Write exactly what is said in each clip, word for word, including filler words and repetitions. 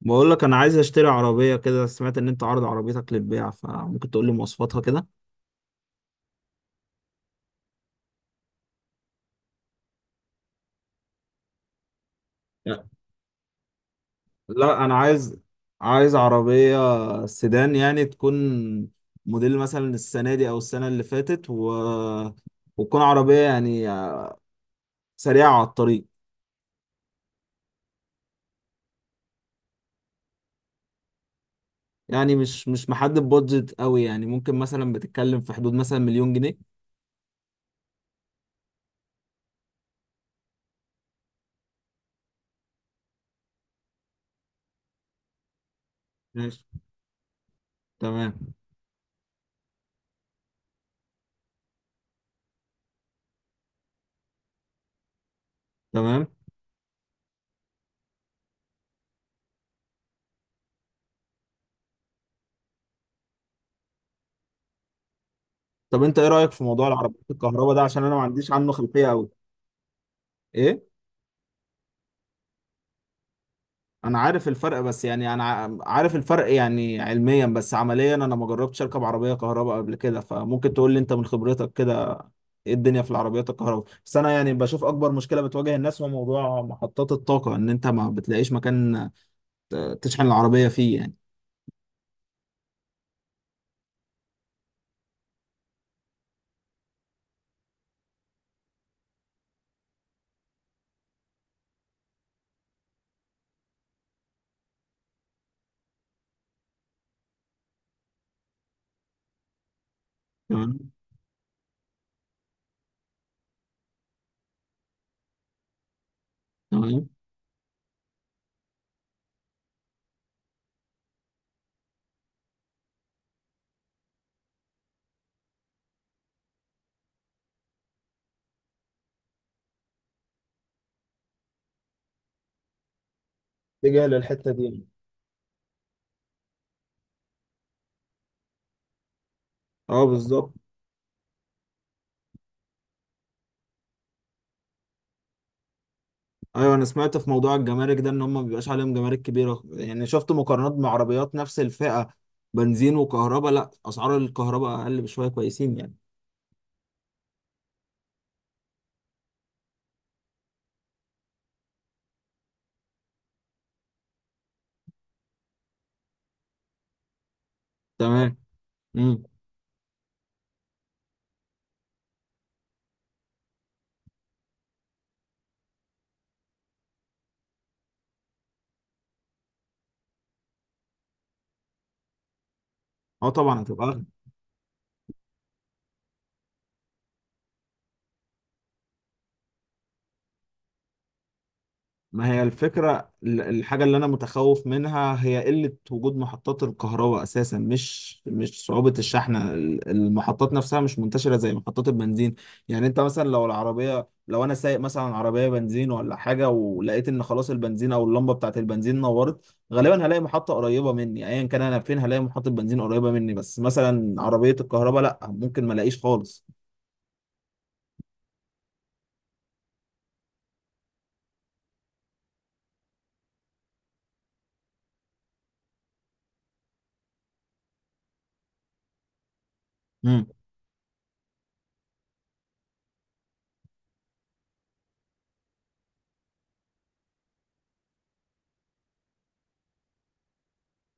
بقول لك انا عايز اشتري عربيه كده. سمعت ان انت عارض عربيتك للبيع، فممكن تقول لي مواصفاتها كده. لا. لا، انا عايز. عايز عربيه سيدان، يعني تكون موديل مثلا السنه دي او السنه اللي فاتت، و... وتكون عربيه يعني آه، سريعه على الطريق. يعني مش مش محدد بادجت قوي، يعني ممكن مثلا بتتكلم في حدود مثلا مليون جنيه. ماشي. تمام. تمام. طب انت ايه رايك في موضوع العربيات الكهرباء ده؟ عشان انا ما عنديش عنه خلفيه قوي. ايه؟ انا عارف الفرق، بس يعني انا ع- عارف الفرق يعني علميا، بس عمليا انا ما جربتش اركب عربيه كهرباء قبل كده، فممكن تقول لي انت من خبرتك كده ايه الدنيا في العربيات الكهرباء. بس انا يعني بشوف اكبر مشكله بتواجه الناس هو موضوع محطات الطاقه، ان انت ما بتلاقيش مكان تشحن العربيه فيه يعني. تمام. تمام. اتجاه للحته دي يعني. اه بالظبط. ايوه انا سمعت في موضوع الجمارك ده ان هم ما بيبقاش عليهم جمارك كبيره، يعني شفت مقارنات مع عربيات نفس الفئه بنزين وكهرباء، لا اسعار الكهرباء اقل بشويه، كويسين يعني. تمام. امم. اه طبعا هتبقى اغلى. ما هي الفكره ال- الحاجه اللي انا متخوف منها هي قله وجود محطات الكهرباء اساسا، مش مش صعوبه الشحن، ال- المحطات نفسها مش منتشره زي محطات البنزين. يعني انت مثلا لو العربيه، لو انا سايق مثلا عربيه بنزين ولا حاجه ولقيت ان خلاص البنزين او اللمبه بتاعه البنزين نورت، غالبا هلاقي محطه قريبه مني ايا كان انا فين، هلاقي محطه بنزين قريبه مني، بس مثلا عربيه الكهرباء لا، ممكن ما الاقيش خالص.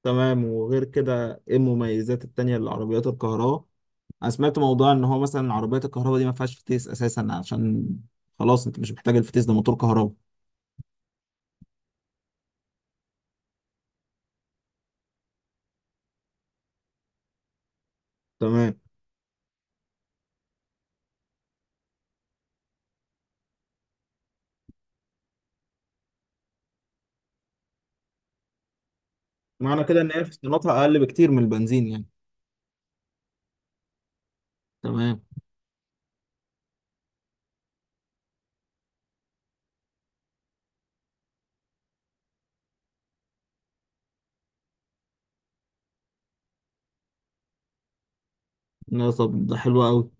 تمام. وغير كده ايه المميزات التانية للعربيات الكهرباء؟ انا سمعت موضوع ان هو مثلا عربيات الكهرباء دي ما فيهاش فتيس اساسا، عشان خلاص انت مش محتاج الفتيس ده، موتور كهرباء. تمام. معنى كده ان هي فصيلاتها اقل بكتير من البنزين يعني. تمام. لا طب ده حلو قوي.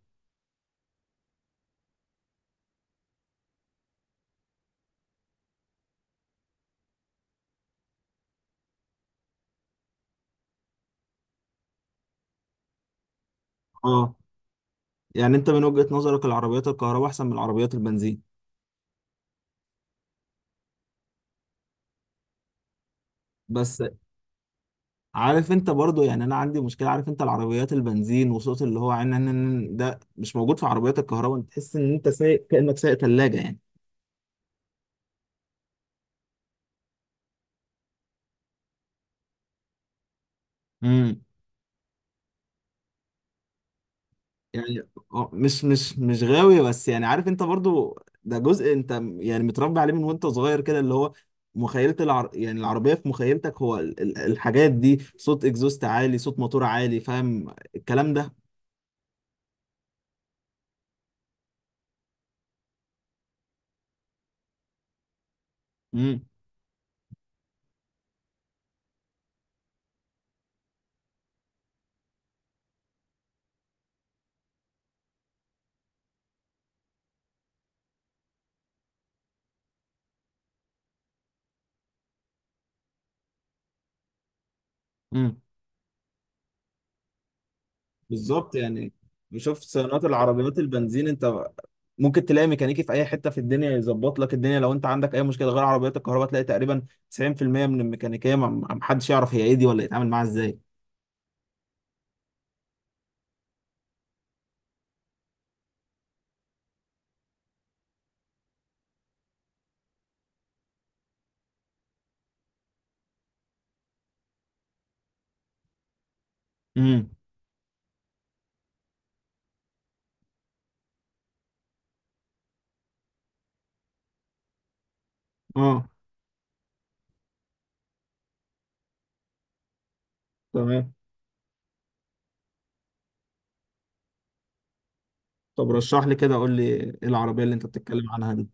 اه. يعني انت من وجهة نظرك العربيات الكهرباء احسن من العربيات البنزين؟ بس عارف انت برضو، يعني انا عندي مشكلة، عارف انت العربيات البنزين وصوت اللي هو عن عن- عن- ده مش موجود في عربيات الكهرباء، انت تحس ان انت سايق كأنك سايق ثلاجة يعني. امم. يعني آه، مش مش مش غاوي، بس يعني عارف انت برضو ده جزء انت يعني متربي عليه من وانت صغير كده، اللي هو مخيلة العر... يعني العربية في مخيلتك هو ال- ال- الحاجات دي، صوت اكزوست عالي، صوت موتور عالي، فاهم الكلام ده. امم. امم. بالظبط يعني. بشوف صيانات العربيات البنزين انت ممكن تلاقي ميكانيكي في اي حتة في الدنيا يظبط لك الدنيا لو انت عندك اي مشكلة، غير عربيات الكهرباء تلاقي تقريبا تسعين في المية من الميكانيكية ما ما- محدش يعرف هي ايه دي ولا يتعامل معاها ازاي. امم. اه تمام. طب رشح لي كده، قول لي ايه العربية اللي انت بتتكلم عنها دي.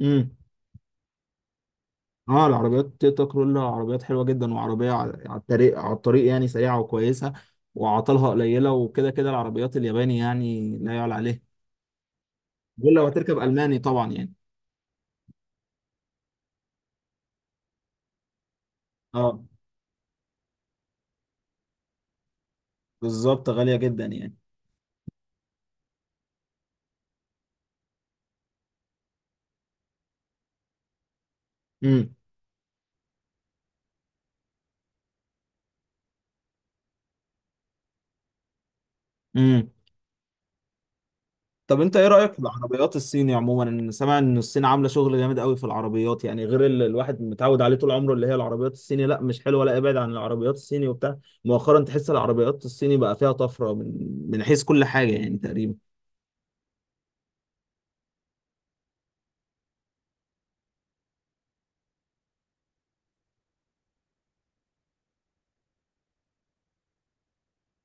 امم. اه العربيات تويوتا كرولا عربيات حلوة جدا، وعربية على على الطريق، على الطريق يعني سريعة وكويسة وعطلها قليلة، وكده كده العربيات الياباني يعني لا يعلى عليه. دول لو هتركب ألماني طبعا يعني. اه بالظبط، غالية جدا يعني. امم. طب انت ايه رأيك في العربيات الصيني عموما؟ انا سامع ان الصين عاملة شغل جامد قوي في العربيات، يعني غير اللي الواحد متعود عليه طول عمره، اللي هي العربيات الصيني لا مش حلوة، لا ابعد عن العربيات الصيني وبتاع. مؤخرا تحس العربيات الصيني بقى فيها طفرة من من حيث كل حاجة يعني تقريبا.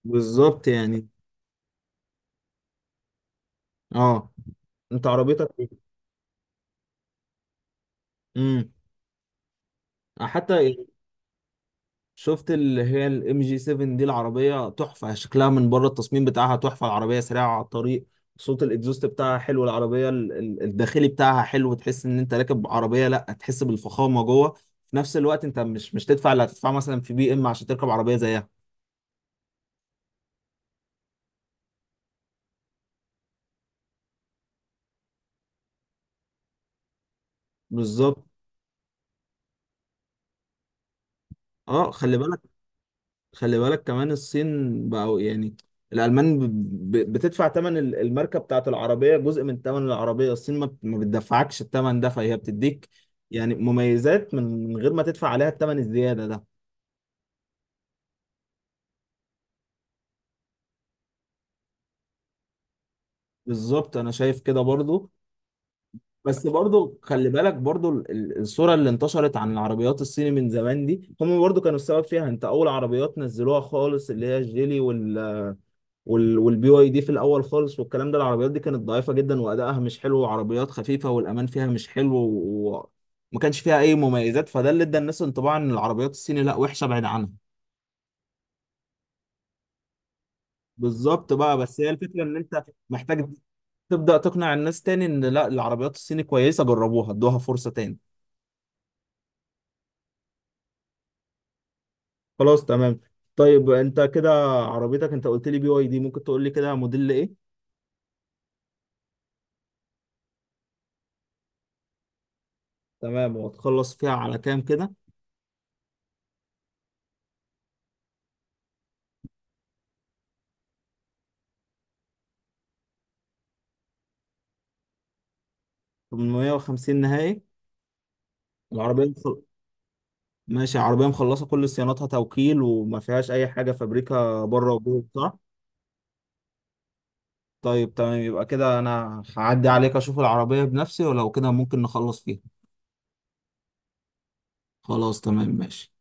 بالظبط يعني. اه. انت عربيتك ايه؟ امم. حتى شفت اللي هي الام جي سبعة دي، العربية تحفة، شكلها من بره التصميم بتاعها تحفة، العربية سريعة على الطريق، صوت الاكزوست بتاعها حلو، العربية ال- ال- الداخلي بتاعها حلو، تحس ان انت راكب عربية، لا تحس بالفخامة جوه، في نفس الوقت انت مش مش تدفع اللي هتدفعه مثلا في بي ام عشان تركب عربية زيها. بالظبط. اه خلي بالك. خلي بالك كمان الصين بقوا يعني. الألمان ب- ب- بتدفع تمن ال- الماركة بتاعت العربية جزء من تمن العربية، الصين ما بت- ما بتدفعكش التمن ده، فهي بتديك يعني مميزات من من غير ما تدفع عليها التمن الزيادة ده. بالظبط أنا شايف كده برضو. بس برضو خلي بالك برضو ال- ال- الصورة اللي انتشرت عن العربيات الصيني من زمان دي هم برضو كانوا السبب فيها. انت أول عربيات نزلوها خالص اللي هي الجيلي وال وال والبي واي دي في الاول خالص، والكلام ده العربيات دي كانت ضعيفه جدا وادائها مش حلو وعربيات خفيفه والامان فيها مش حلو وما كانش فيها اي مميزات، فده اللي ادى الناس انطباع ان العربيات الصيني لا وحشه بعيد عنها. بالظبط بقى، بس هي الفكره ان انت محتاج تبدا تقنع الناس تاني ان لا العربيات الصيني كويسه، جربوها، ادوها فرصه تاني. خلاص تمام. طيب انت كده عربيتك، انت قلت لي بي واي دي، ممكن تقول لي كده موديل ايه؟ تمام. وهتخلص فيها على كام كده؟ تمنمية وخمسين نهائي؟ العربية ماشي، عربية مخلصة كل صياناتها توكيل، وما فيهاش أي حاجة فابريكا بره وجوه، صح؟ طيب تمام. يبقى كده أنا هعدي عليك أشوف العربية بنفسي، ولو كده ممكن نخلص فيها. خلاص تمام، ماشي.